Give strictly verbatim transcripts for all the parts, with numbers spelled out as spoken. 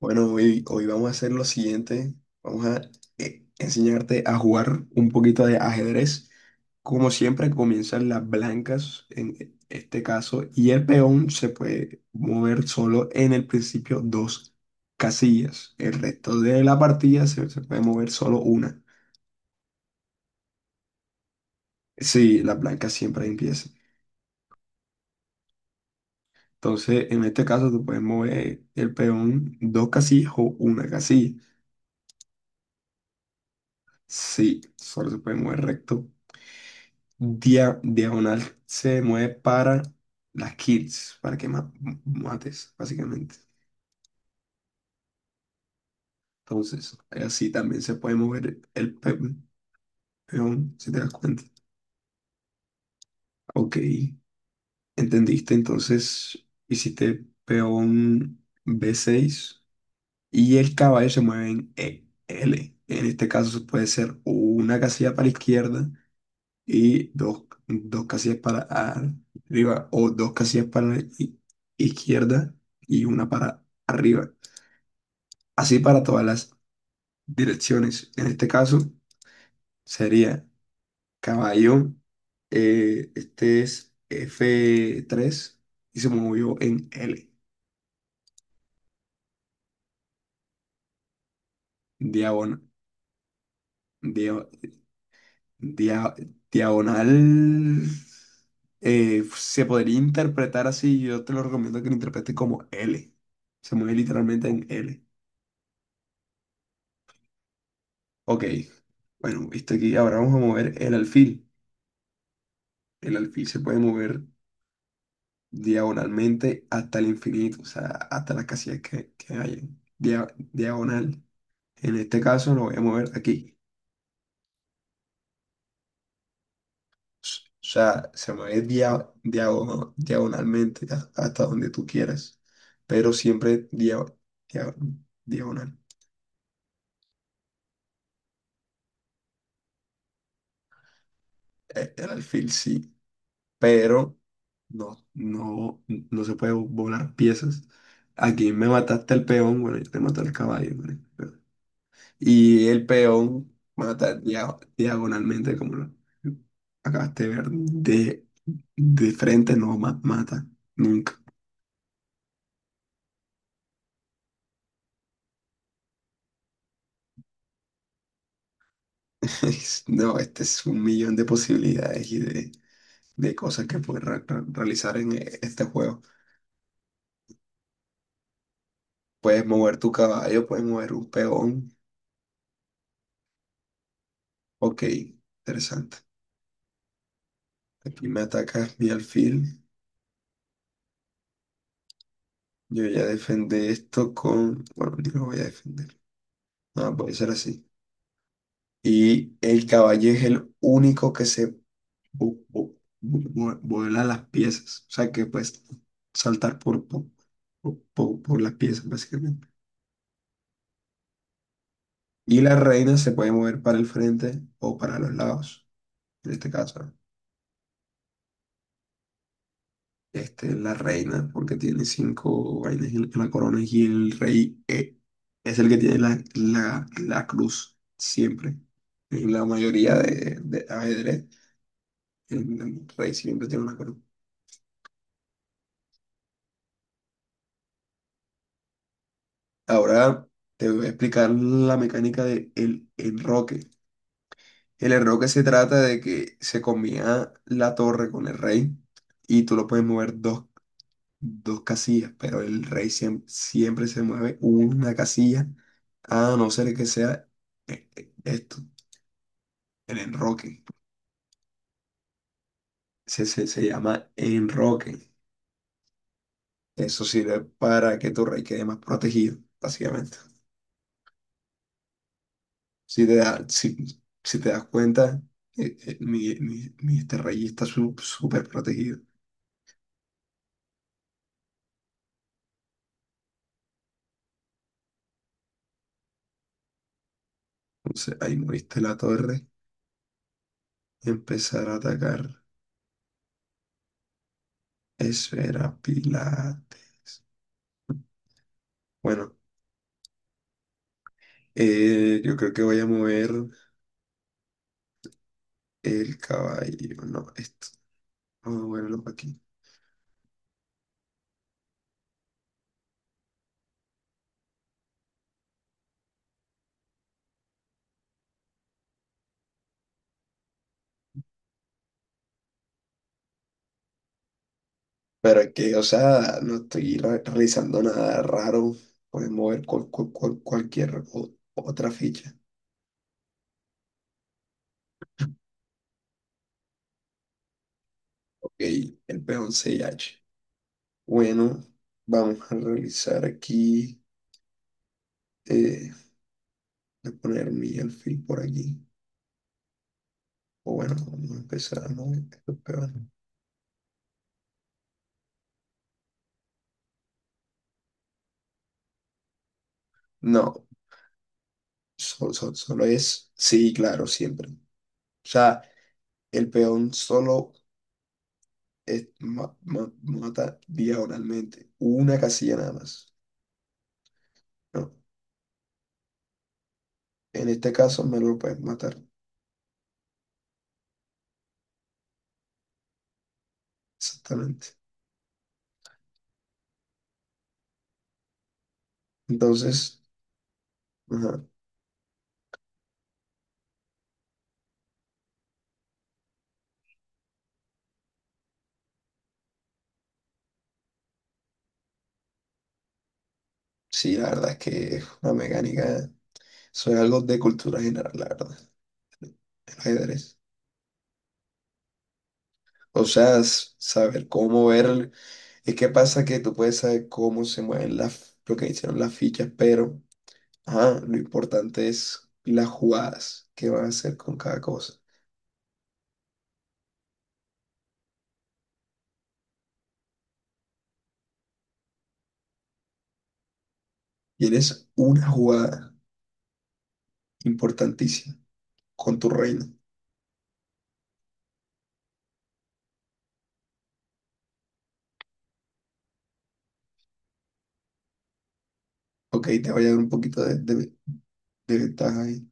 Bueno, hoy, hoy vamos a hacer lo siguiente. Vamos a eh, enseñarte a jugar un poquito de ajedrez. Como siempre, comienzan las blancas en e, este caso y el peón se puede mover solo en el principio dos casillas. El resto de la partida se, se puede mover solo una. Sí, las blancas siempre empiezan. Entonces, en este caso, tú puedes mover el peón dos casillas o una casilla. Sí, solo se puede mover recto, dia- diagonal, se mueve para las kills, para que ma- mates, básicamente. Entonces, así también se puede mover el pe- peón, si te das cuenta. Ok, entendiste. Entonces, hiciste peón b seis y el caballo se mueve en E- L. En este caso puede ser una casilla para la izquierda y dos, dos casillas para arriba o dos casillas para la i- izquierda y una para arriba. Así para todas las direcciones. En este caso sería caballo. Eh, este es f tres y se movió en L. Diagonal. Diagonal. Eh, se podría interpretar así. Yo te lo recomiendo que lo interpretes como L. Se mueve literalmente en L. Ok, bueno, viste aquí, ahora vamos a mover el alfil. El alfil se puede mover diagonalmente hasta el infinito, o sea, hasta las casillas que, que hay. Dia- diagonal. En este caso lo voy a mover aquí. S- O sea, se mueve dia- diago- diagonalmente ha- hasta donde tú quieras, pero siempre dia- dia- diagonal. Eh, El alfil sí, pero no, no, no se puede volar piezas. Aquí me mataste el peón, bueno, yo te maté el caballo, marica, pero... Y el peón mata dia- diagonalmente, como lo acabaste de ver, de, de frente no ma- mata, nunca. Es- No, este es un millón de posibilidades y de, de cosas que puedes re- re- realizar en eh, este juego. Puedes mover tu caballo, puedes mover un peón. Ok, interesante. Aquí me atacas mi alfil. Yo ya defendí esto con... Bueno, ni lo voy a defender. No, puede ser así. Y el caballo es el único que se vu- vu- vu- vu- vuela las piezas. O sea, que puedes saltar por, por, por, por- por las piezas, básicamente. Y la reina se puede mover para el frente o para los lados, en este caso, ¿no? Este, la reina, porque tiene cinco vainas en en la corona y el rey eh, es el que tiene la, la, la cruz siempre. En la mayoría de, de ajedrez, el, el rey siempre tiene una corona. Ahora te voy a explicar la mecánica del enroque. El enroque se trata de que se combina la torre con el rey y tú lo puedes mover dos dos casillas, pero el rey siem- siempre se mueve una casilla, a no ser que sea eh, eh, esto, el enroque. Se, se, se llama enroque. Eso sirve para que tu rey quede más protegido, básicamente. Si te, da- si, si te das cuenta, eh, eh, mi, mi- mi este rey está su- súper protegido. Entonces ahí moviste la torre, y empezar a atacar. Esfera Pilates. Bueno, eh, yo creo que voy a mover. El caballo, no, esto. Vamos a moverlo para aquí. Pero es que, o sea, no estoy re- realizando nada raro. Pueden mover cual- cual- cual- cualquier o- otra ficha. Ok, el peón once h. Bueno, vamos a realizar aquí. Eh, voy a poner mi alfil por aquí. O bueno, vamos a empezar a mover estos peones. No, solo, solo es. Sí, claro, siempre. O sea, el peón solo es ma- ma- mata diagonalmente, una casilla nada más. ¿No? En este caso me lo pueden matar, exactamente. Entonces, ajá, sí, la verdad es que es una mecánica, eso es algo de cultura general, la verdad, el ajedrez. O sea, s- saber cómo ver, es que pasa que tú puedes saber cómo se mueven las, lo que hicieron las fichas, pero ajá, lo importante es las jugadas que van a hacer con cada cosa. Y eres una jugada importantísima con tu reino. Ok, te voy a dar un poquito de, de- de ventaja ahí.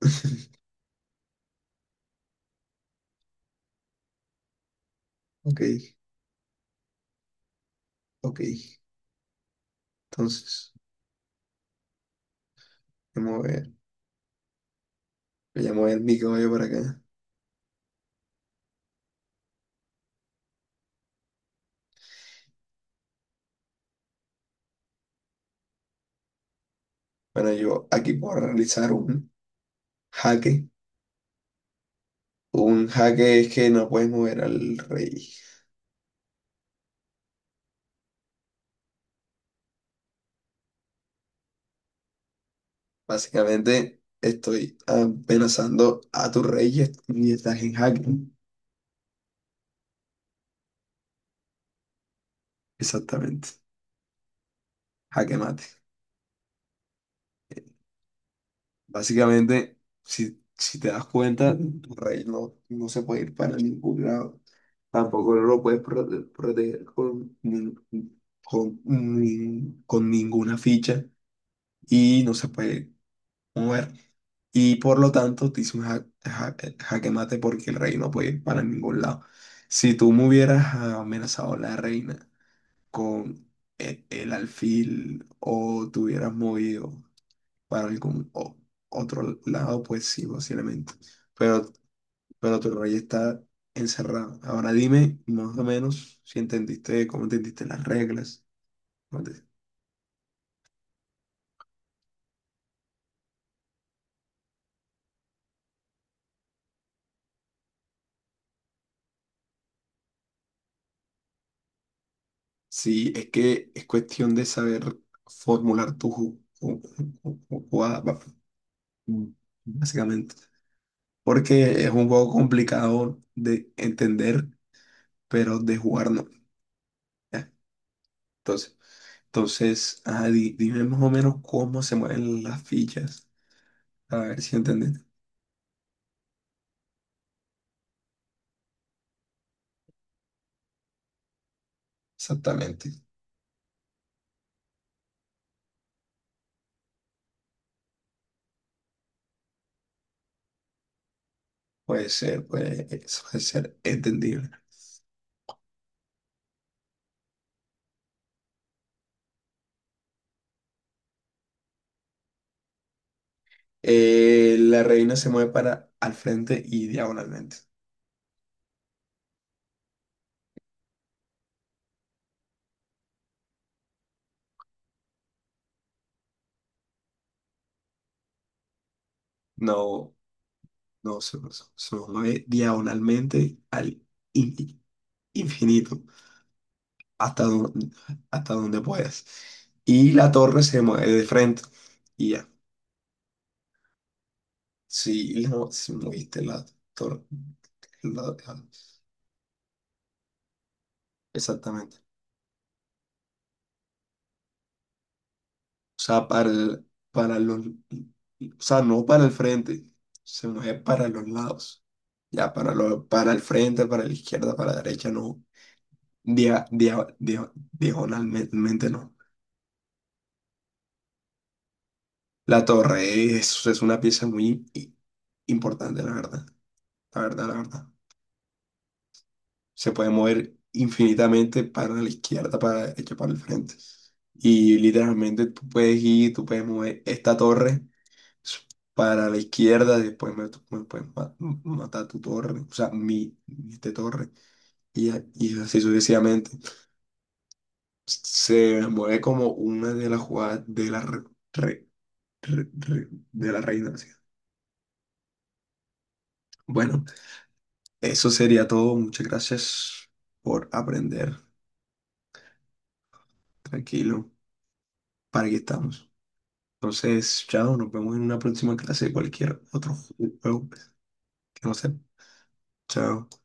Ok, ok. Entonces, voy a ver. Voy a mover mi caballo para acá. Bueno, yo aquí puedo realizar un jaque. Un jaque es que no puedes mover al rey. Básicamente, estoy amenazando a tu rey y est- y estás en jaque. Exactamente. Jaque mate. Básicamente, si, si te das cuenta, tu rey no, no se puede ir para ningún lado. Tampoco no lo puedes prote- proteger con, nin- con, nin- con ninguna ficha y no se puede mover. Y por lo tanto, te hice un ja- ja- jaque mate porque el rey no puede ir para ningún lado. Si tú me hubieras amenazado a la reina con e- el, alfil o te hubieras movido para algún o- otro lado, pues sí, posiblemente. Pero, pero tu rey está encerrado. Ahora dime más o menos si entendiste, cómo entendiste las reglas. cómo te- Sí, es que es cuestión de saber formular tu ju- ju- ju- ju- jugada, ba- mm, básicamente. Porque es un juego complicado de entender, pero de jugar no, ¿ya? Entonces, entonces ajá, di- dime más o menos cómo se mueven las fichas. A ver si entendí. Exactamente. Puede ser, puede eso puede ser entendible. Eh, la reina se mueve para al frente y diagonalmente. No, no, Se, se- se mueve diagonalmente al in- infinito, hasta donde, hasta donde puedas. Y la torre se mueve de frente. Y ya. Si, la- si moviste la torre. la- Exactamente. O sea, para el- para los, o sea, no para el frente, sino es para los lados. Ya para lo, para el frente, para la izquierda, para la derecha, no. Dia- dia- dia- diagonalmente no. La torre es, es una pieza muy i- importante, la verdad. La verdad, la verdad. Se puede mover infinitamente para la izquierda, para la derecha, para el frente. Y literalmente tú puedes ir, tú puedes mover esta torre para la izquierda, después me, me puedes ma- matar tu torre, o sea, mi, mi este torre, y, a- y así sucesivamente. Se mueve como una de las jugadas de la, re- re- re- re- de la reina. Así. Bueno, eso sería todo. Muchas gracias por aprender. Tranquilo, para aquí estamos. Entonces, chao, nos vemos en una próxima clase de cualquier otro juego que no sé. Chao.